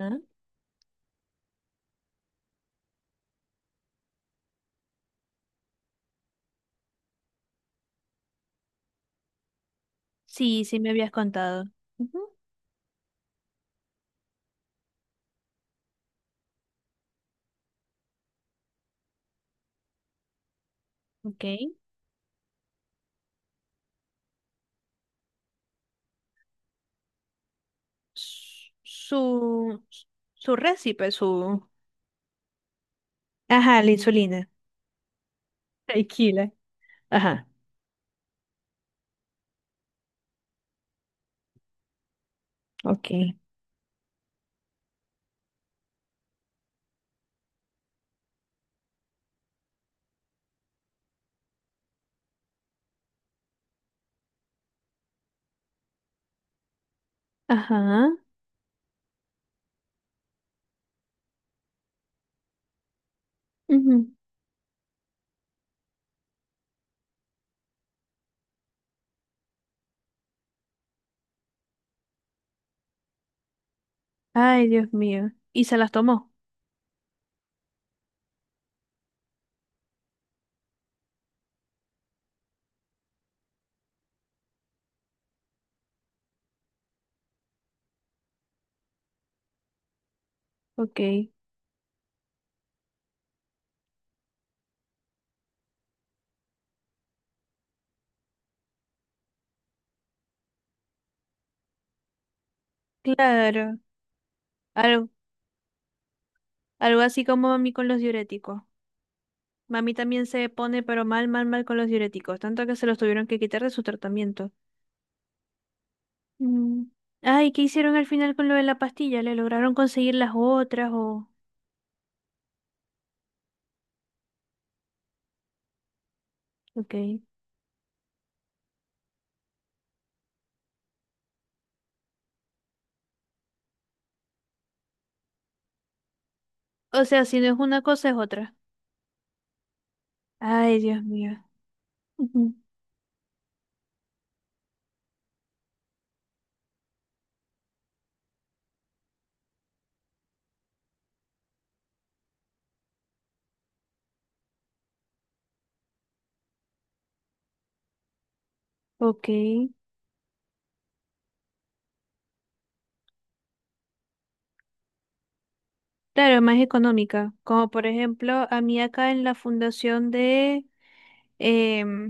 Ah, sí, sí me habías contado. Ujú. Ok. Su, su récipe, su... Ajá, la insulina. Tequila. Ajá. Ok. Ajá. Ujú. Ay, Dios mío. Y se las tomó. Ok. Claro. Algo, algo así como mami con los diuréticos. Mami también se pone, pero mal, mal, mal con los diuréticos. Tanto que se los tuvieron que quitar de su tratamiento. Mm. Ay, ¿qué hicieron al final con lo de la pastilla? ¿Le lograron conseguir las otras o...? Ok. O sea, si no es una cosa, es otra. Ay, Dios mío. Ujú. Ok. Claro, es más económica. Como por ejemplo, a mí acá en la fundación de... em,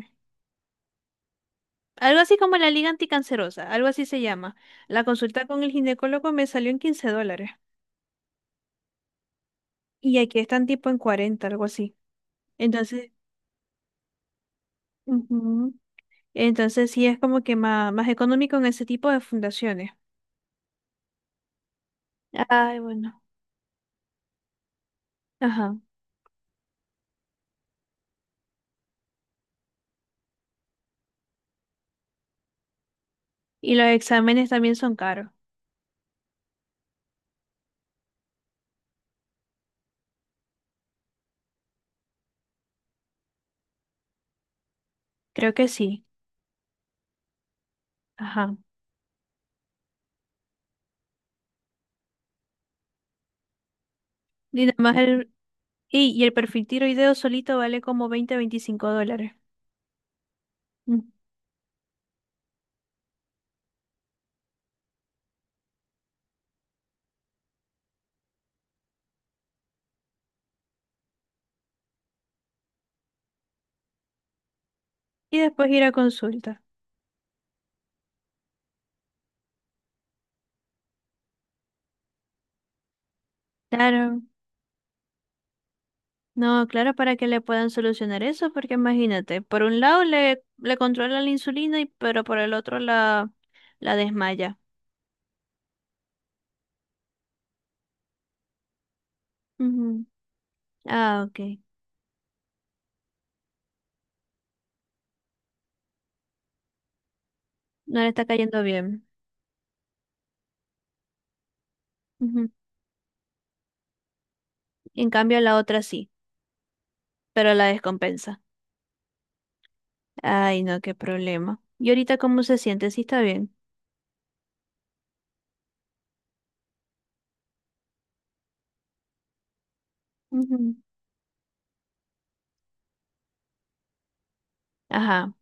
algo así como la Liga Anticancerosa, algo así se llama. La consulta con el ginecólogo me salió en $15. Y aquí están tipo en 40, algo así. Entonces, ujú, entonces sí es como que más, más económico en ese tipo de fundaciones. Ay, bueno. Ajá. Y los exámenes también son caros. Creo que sí. Ajá. Y nada más el, y el perfil tiroideo solito vale como $20 a $25. Mm. Y después ir a consulta. Claro, no, claro, para que le puedan solucionar eso, porque imagínate, por un lado le controla la insulina, y, pero por el otro la desmaya. Ujú. Ah, ok. No le está cayendo bien. Ujú. En cambio, la otra sí, pero la descompensa. Ay, no, qué problema. ¿Y ahorita cómo se siente? Sí, está bien. Ujú. Ajá.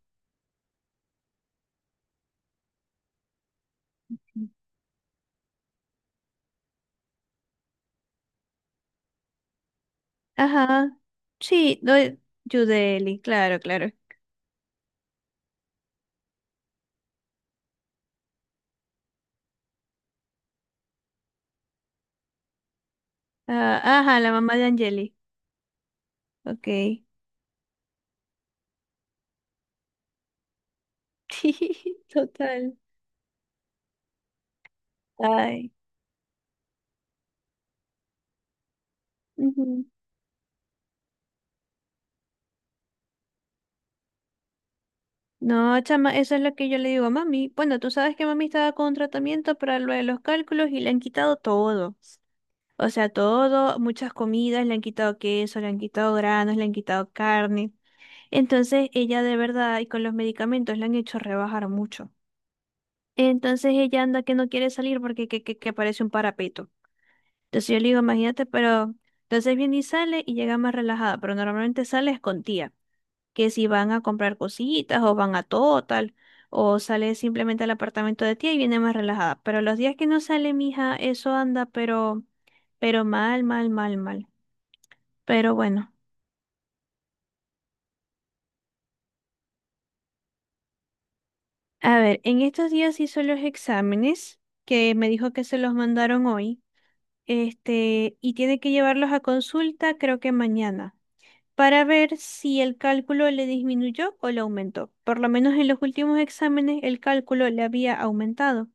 Ajá. Sí, no, Yudeli, claro, claro. Ah, ajá, la mamá de Angeli. Ok. Total. Ay. Ujú. No, chama, eso es lo que yo le digo a mami. Bueno, tú sabes que mami estaba con tratamiento para lo de los cálculos y le han quitado todo. O sea, todo, muchas comidas, le han quitado queso, le han quitado granos, le han quitado carne. Entonces, ella de verdad, y con los medicamentos, le han hecho rebajar mucho. Entonces, ella anda que no quiere salir porque que parece un parapeto. Entonces yo le digo, imagínate, pero entonces viene y sale y llega más relajada, pero normalmente sales con tía, que si van a comprar cositas o van a Total, o sale simplemente al apartamento de tía y viene más relajada. Pero los días que no sale, mija, eso anda, pero mal, mal, mal, mal. Pero bueno, a ver, en estos días hizo los exámenes, que me dijo que se los mandaron hoy, este, y tiene que llevarlos a consulta, creo que mañana, para ver si el cálculo le disminuyó o le aumentó. Por lo menos en los últimos exámenes el cálculo le había aumentado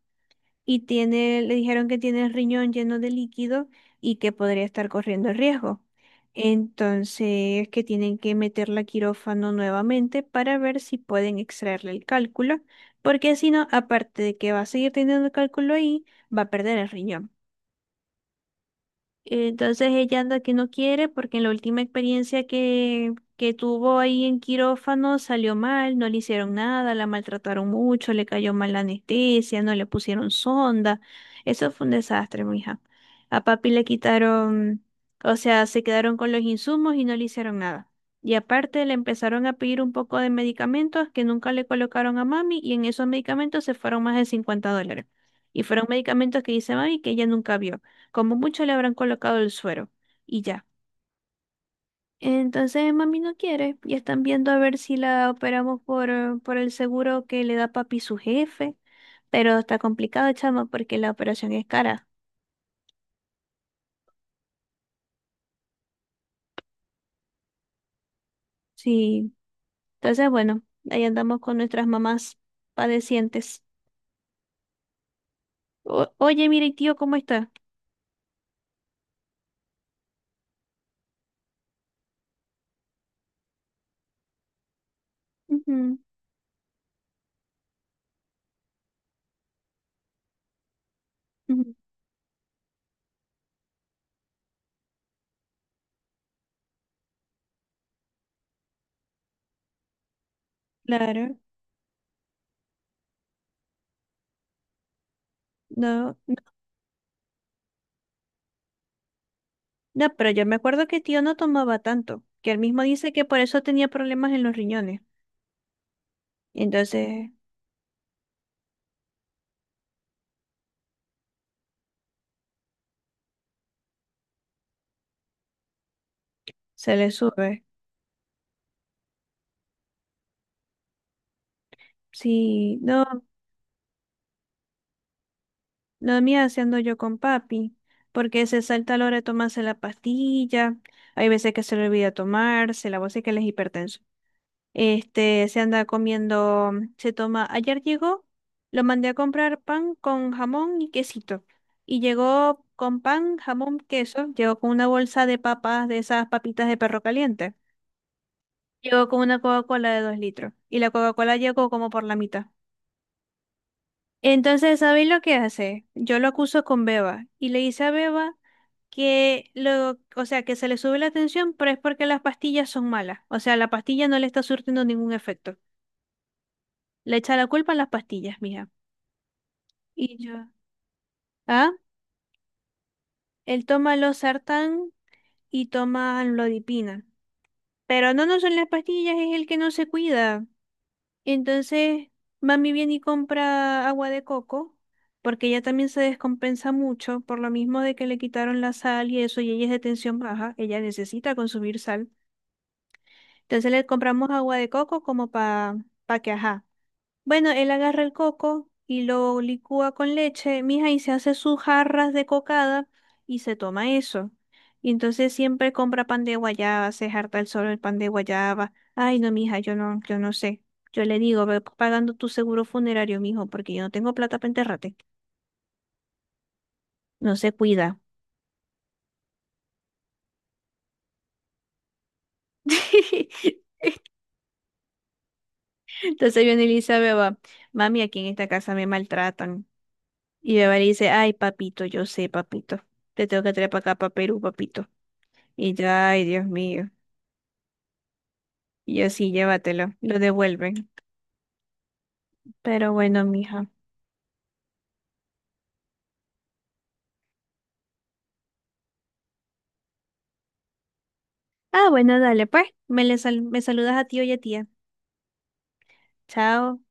y tiene, le dijeron que tiene el riñón lleno de líquido y que podría estar corriendo el riesgo. Entonces, que tienen que meterla a quirófano nuevamente para ver si pueden extraerle el cálculo, porque si no, aparte de que va a seguir teniendo el cálculo ahí, va a perder el riñón. Entonces ella anda que no quiere porque en la última experiencia que tuvo ahí en quirófano salió mal, no le hicieron nada, la maltrataron mucho, le cayó mal la anestesia, no le pusieron sonda. Eso fue un desastre, mija. A papi le quitaron, o sea, se quedaron con los insumos y no le hicieron nada. Y aparte le empezaron a pedir un poco de medicamentos que nunca le colocaron a mami y en esos medicamentos se fueron más de $50. Y fueron medicamentos que dice mami que ella nunca vio. Como mucho le habrán colocado el suero y ya. Entonces mami no quiere y están viendo a ver si la operamos por el seguro que le da papi su jefe, pero está complicado, chama, porque la operación es cara. Sí, entonces bueno, ahí andamos con nuestras mamás padecientes. Oye, mire, ¿y tío, ¿cómo está? Ujú, ujú, claro, no, no, no, pero yo me acuerdo que tío no tomaba tanto, que él mismo dice que por eso tenía problemas en los riñones. Entonces se le sube. Sí, no, la mía haciendo yo con papi, porque se salta a la hora de tomarse la pastilla, hay veces que se le olvida tomarse, la voz es que él es hipertenso. Este, se anda comiendo, se toma, ayer llegó, lo mandé a comprar pan con jamón y quesito, y llegó con pan, jamón, queso, llegó con una bolsa de papas, de esas papitas de perro caliente, llegó con una Coca-Cola de 2 litros, y la Coca-Cola llegó como por la mitad. Entonces, ¿sabéis lo que hace? Yo lo acuso con Beba y le dice a Beba que lo, o sea, que se le sube la tensión, pero es porque las pastillas son malas. O sea, la pastilla no le está surtiendo ningún efecto. Le echa la culpa a las pastillas, mija. Y yo, ah, él toma losartán y toma lodipina. Pero no, no son las pastillas, es el que no se cuida. Entonces, mami viene y compra agua de coco, porque ella también se descompensa mucho por lo mismo de que le quitaron la sal y eso, y ella es de tensión baja, ella necesita consumir sal. Entonces le compramos agua de coco como para pa pa que, ajá. Bueno, él agarra el coco y lo licúa con leche, mija, y se hace sus jarras de cocada y se toma eso. Y entonces siempre compra pan de guayaba, se harta el solo el pan de guayaba. Ay, no, mija, yo no, yo no sé. Yo le digo, ve pagando tu seguro funerario, mijo, porque yo no tengo plata para enterrarte. No se cuida. Entonces viene y le dice a Beba, mami, aquí en esta casa me maltratan. Y Beba le dice, ay, papito, yo sé, papito. Te tengo que traer para acá, para Perú, papito. Y ya, ay, Dios mío. Y yo sí, llévatelo, lo devuelven. Pero bueno, mija. Ah, bueno, dale, pues. Me saludas a tío y a tía. Chao.